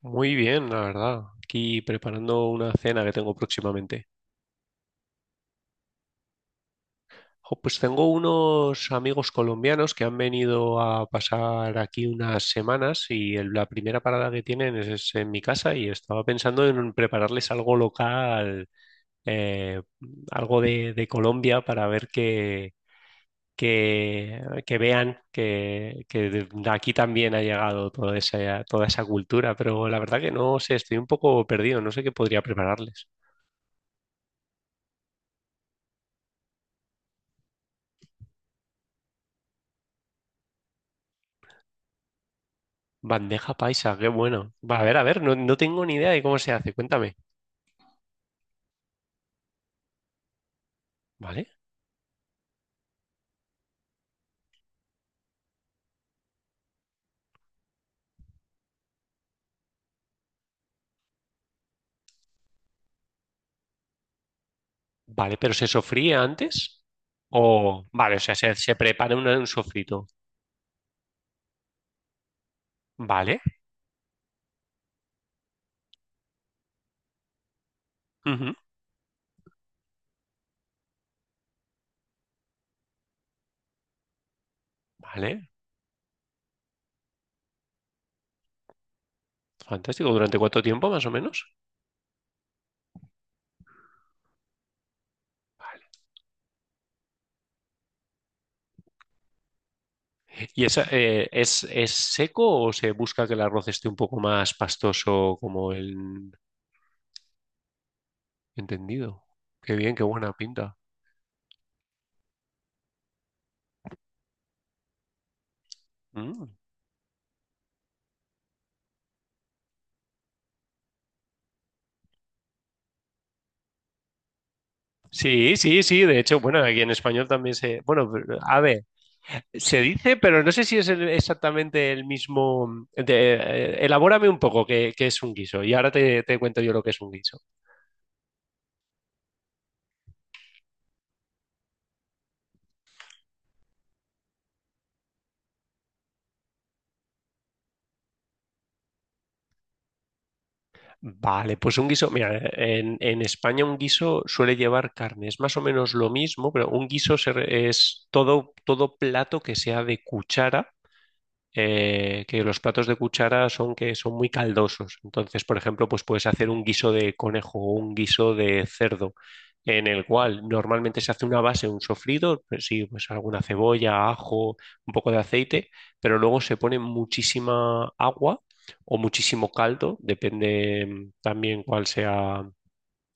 Muy bien, la verdad. Aquí preparando una cena que tengo próximamente. Jo, pues tengo unos amigos colombianos que han venido a pasar aquí unas semanas y la primera parada que tienen es en mi casa y estaba pensando en prepararles algo local, eh, algo de Colombia para ver que vean que de aquí también ha llegado toda esa cultura. Pero la verdad que no sé, estoy un poco perdido, no sé qué podría prepararles. Bandeja paisa, qué bueno. Va, a ver, no tengo ni idea de cómo se hace, cuéntame. ¿Vale? Vale, pero ¿se sofría antes? O vale, o sea, se prepara un sofrito. Vale. Ujú. Vale, fantástico. ¿Durante cuánto tiempo, más o menos? ¿Y esa, es seco o se busca que el arroz esté un poco más pastoso como el entendido? Qué bien, qué buena pinta. Mm. Sí, sí, sí. De hecho, bueno, aquí en español también se... Bueno, pero, a ver. Se dice, pero no sé si es exactamente el mismo. Elabórame un poco qué es un guiso y ahora te cuento yo lo que es un guiso. Vale, pues un guiso, mira, en España un guiso suele llevar carne, es más o menos lo mismo, pero un guiso es todo, todo plato que sea de cuchara, que los platos de cuchara son que son muy caldosos. Entonces, por ejemplo, pues puedes hacer un guiso de conejo o un guiso de cerdo, en el cual normalmente se hace una base, un sofrido, pues sí, pues alguna cebolla, ajo, un poco de aceite, pero luego se pone muchísima agua o muchísimo caldo, depende también cuál sea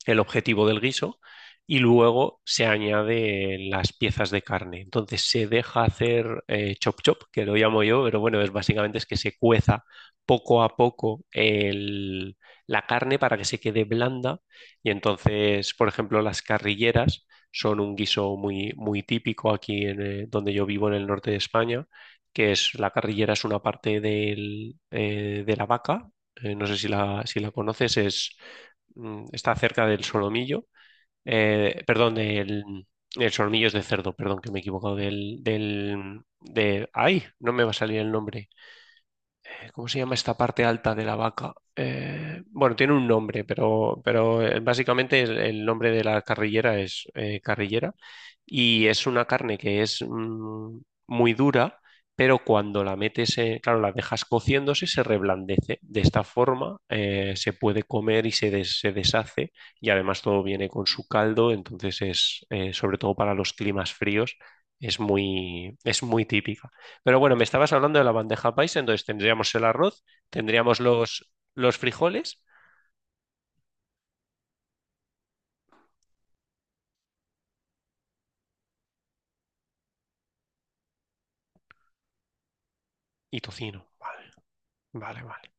el objetivo del guiso y luego se añade las piezas de carne. Entonces se deja hacer chop chop, que lo llamo yo, pero bueno, es básicamente es que se cueza poco a poco la carne para que se quede blanda y entonces, por ejemplo, las carrilleras son un guiso muy, muy típico aquí en, donde yo vivo en el norte de España, que es, la carrillera es una parte del, de la vaca. No sé si si la conoces, es, mm, está cerca del solomillo, perdón, del... El solomillo es de cerdo, perdón, que me he equivocado, ay, no me va a salir el nombre. ¿Cómo se llama esta parte alta de la vaca? Bueno, tiene un nombre, pero básicamente el nombre de la carrillera es carrillera y es una carne que es, muy dura, pero cuando la metes, claro, la dejas cociéndose, se reblandece. De esta forma se puede comer y se deshace y además todo viene con su caldo, entonces es, sobre todo para los climas fríos, es muy típica. Pero bueno, me estabas hablando de la bandeja paisa, entonces tendríamos el arroz, tendríamos los frijoles y tocino. Vale, vale, vale.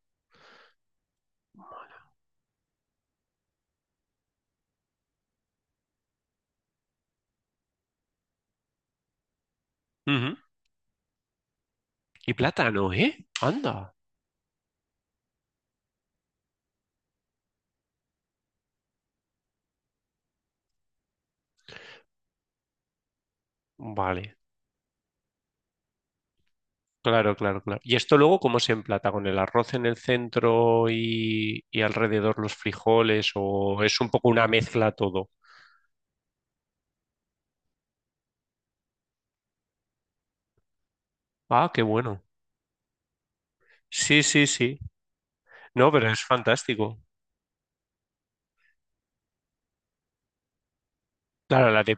Ujú. Y plátano, ¿eh? Anda. Vale, claro, claro, claro. ¿Y esto luego cómo se emplata? ¿Con el arroz en el centro y alrededor los frijoles? ¿O es un poco una mezcla todo? Ah, qué bueno. Sí, sí, sí. No, pero es fantástico. Claro, la de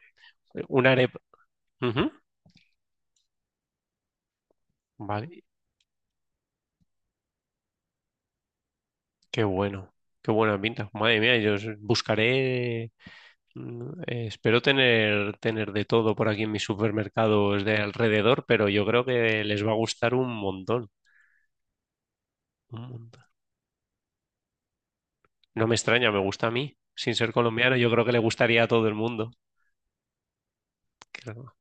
una arepa. Ujú. Vale, qué bueno. Qué buena pinta. Madre mía, yo buscaré. Espero tener, tener de todo por aquí en mis supermercados de alrededor, pero yo creo que les va a gustar un montón, un montón. No me extraña, me gusta a mí. Sin ser colombiano, yo creo que le gustaría a todo el mundo, creo.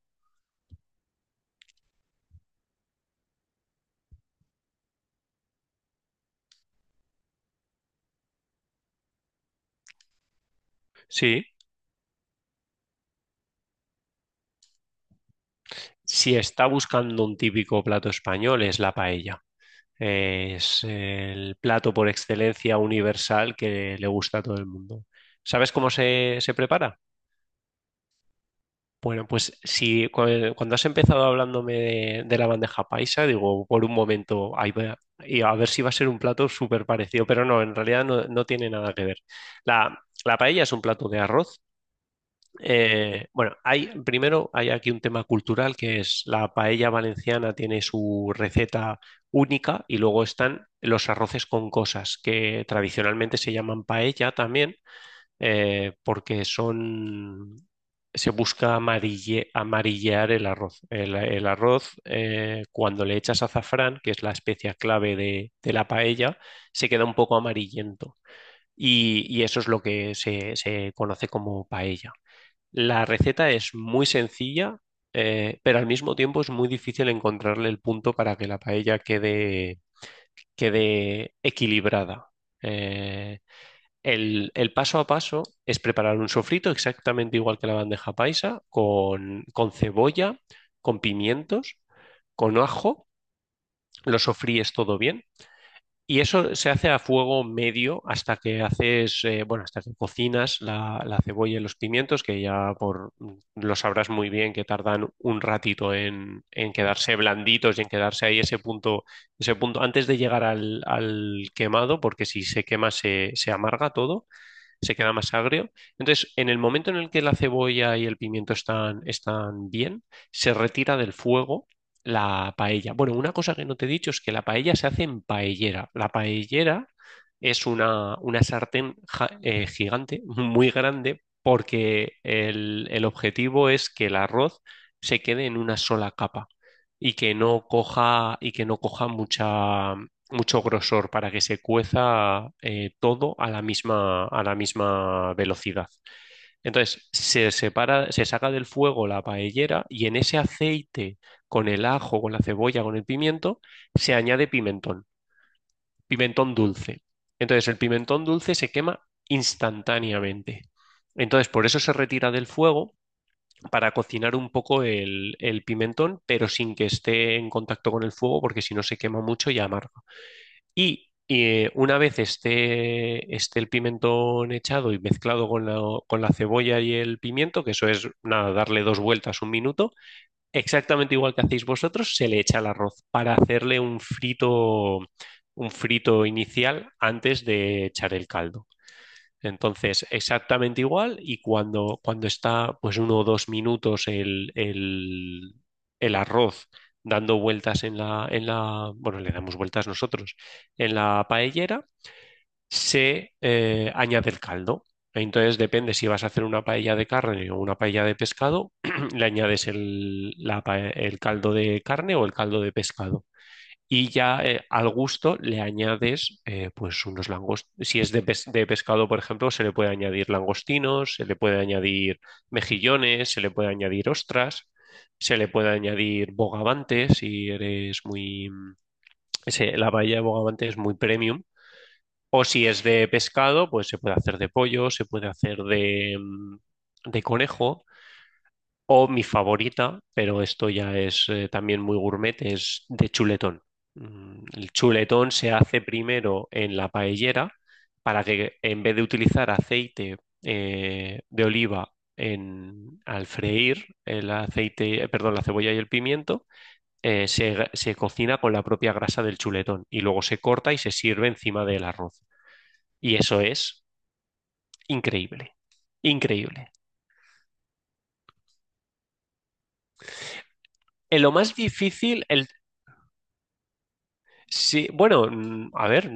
Sí, si está buscando un típico plato español, es la paella. Es el plato por excelencia universal que le gusta a todo el mundo. ¿Sabes cómo se prepara? Bueno, pues si cuando has empezado hablándome de la bandeja paisa, digo, por un momento, ahí va, y a ver si va a ser un plato súper parecido, pero no, en realidad no, no tiene nada que ver. La paella es un plato de arroz. Bueno, hay, primero hay aquí un tema cultural, que es, la paella valenciana tiene su receta única y luego están los arroces con cosas que tradicionalmente se llaman paella también, porque son, se busca amarillear el arroz. El arroz, cuando le echas azafrán, que es la especia clave de la paella, se queda un poco amarillento. Y eso es lo que se conoce como paella. La receta es muy sencilla, pero al mismo tiempo es muy difícil encontrarle el punto para que la paella quede, quede equilibrada. Eh, el paso a paso es preparar un sofrito exactamente igual que la bandeja paisa, con cebolla, con pimientos, con ajo, lo sofríes todo bien y eso se hace a fuego medio hasta que haces, bueno, hasta que cocinas la cebolla y los pimientos, que ya por, mm, lo sabrás muy bien, que tardan un ratito en quedarse blanditos y en quedarse ahí ese punto antes de llegar al quemado, porque si se quema se amarga todo, se queda más agrio. Entonces, en el momento en el que la cebolla y el pimiento están, están bien, se retira del fuego la paella. Bueno, una cosa que no te he dicho es que la paella se hace en paellera. La paellera es una sartén gigante, muy grande, porque el objetivo es que el arroz se quede en una sola capa y que no coja, y que no coja mucha, mucho grosor para que se cueza todo a la misma velocidad. Entonces se separa, se saca del fuego la paellera y en ese aceite, con el ajo, con la cebolla, con el pimiento, se añade pimentón, pimentón dulce. Entonces el pimentón dulce se quema instantáneamente. Entonces por eso se retira del fuego para cocinar un poco el pimentón, pero sin que esté en contacto con el fuego, porque si no se quema mucho y amarga. Y una vez esté, esté el pimentón echado y mezclado con con la cebolla y el pimiento, que eso es nada, darle dos vueltas, un minuto, exactamente igual que hacéis vosotros, se le echa el arroz para hacerle un frito inicial antes de echar el caldo. Entonces, exactamente igual, y cuando, cuando está pues uno o dos minutos el arroz dando vueltas en en la, bueno, le damos vueltas nosotros, en la paellera, se añade el caldo. Entonces, depende si vas a hacer una paella de carne o una paella de pescado, le añades el caldo de carne o el caldo de pescado y ya al gusto le añades pues unos langostinos. Si es de pescado, por ejemplo, se le puede añadir langostinos, se le puede añadir mejillones, se le puede añadir ostras, se le puede añadir bogavante si eres muy... mm, la paella de bogavante es muy premium. O si es de pescado, pues se puede hacer de pollo, se puede hacer de, mm, de conejo. O mi favorita, pero esto ya es también muy gourmet, es de chuletón. Mm, el chuletón se hace primero en la paellera para que en vez de utilizar aceite de oliva en, al freír el aceite, perdón, la cebolla y el pimiento, se cocina con la propia grasa del chuletón y luego se corta y se sirve encima del arroz. Y eso es increíble, increíble. En lo más difícil, sí, bueno, mm, a ver,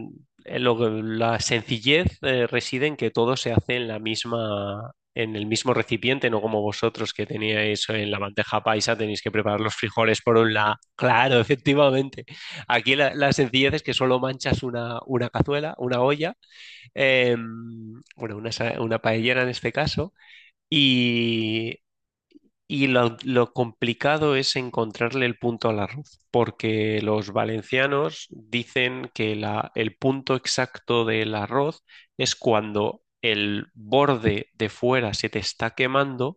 lo que, la sencillez reside en que todo se hace en la misma, en el mismo recipiente, no como vosotros que teníais en la bandeja paisa, tenéis que preparar los frijoles por un lado. Claro, efectivamente. Aquí la sencillez es que solo manchas una cazuela, una olla, bueno, una paellera en este caso, y lo complicado es encontrarle el punto al arroz, porque los valencianos dicen que el punto exacto del arroz es cuando el borde de fuera se te está quemando.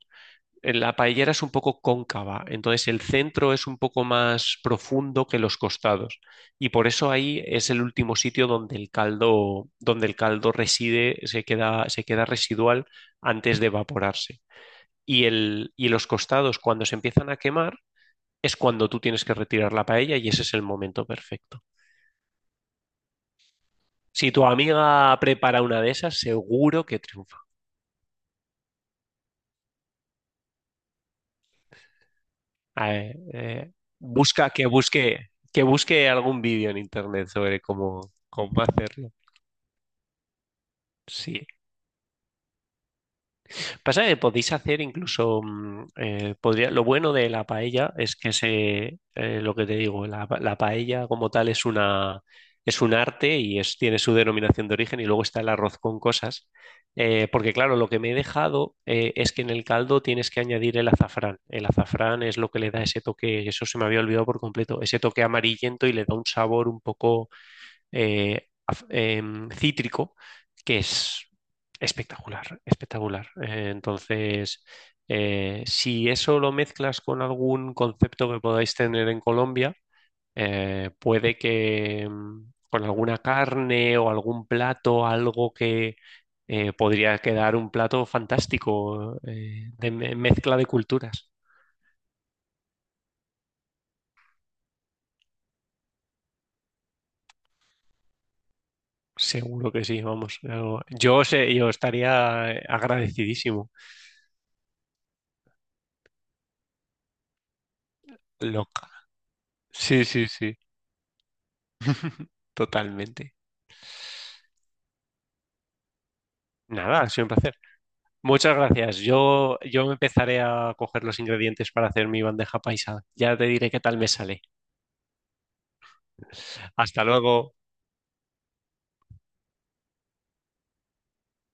La paellera es un poco cóncava, entonces el centro es un poco más profundo que los costados. Y por eso ahí es el último sitio donde el caldo reside, se queda residual antes de evaporarse y los costados, cuando se empiezan a quemar, es cuando tú tienes que retirar la paella y ese es el momento perfecto. Si tu amiga prepara una de esas, seguro que triunfa. Eh, eh, Busca que busque algún vídeo en internet sobre cómo, cómo hacerlo. Sí. Pasa que podéis hacer incluso, mm, lo bueno de la paella es que se, lo que te digo, la paella como tal es una, es un arte y es, tiene su denominación de origen y luego está el arroz con cosas. Porque claro, lo que me he dejado es que en el caldo tienes que añadir el azafrán. El azafrán es lo que le da ese toque, eso se me había olvidado por completo, ese toque amarillento y le da un sabor un poco cítrico, que es espectacular, espectacular. Entonces, si eso lo mezclas con algún concepto que podáis tener en Colombia, puede que con alguna carne o algún plato, algo que podría quedar un plato fantástico mezcla de culturas. Seguro que sí, vamos. Yo sé, yo estaría agradecidísimo. Loca. Sí, sí, sí. Totalmente. Nada, ha sido un placer. Muchas gracias. Yo me empezaré a coger los ingredientes para hacer mi bandeja paisa. Ya te diré qué tal me sale. Hasta luego.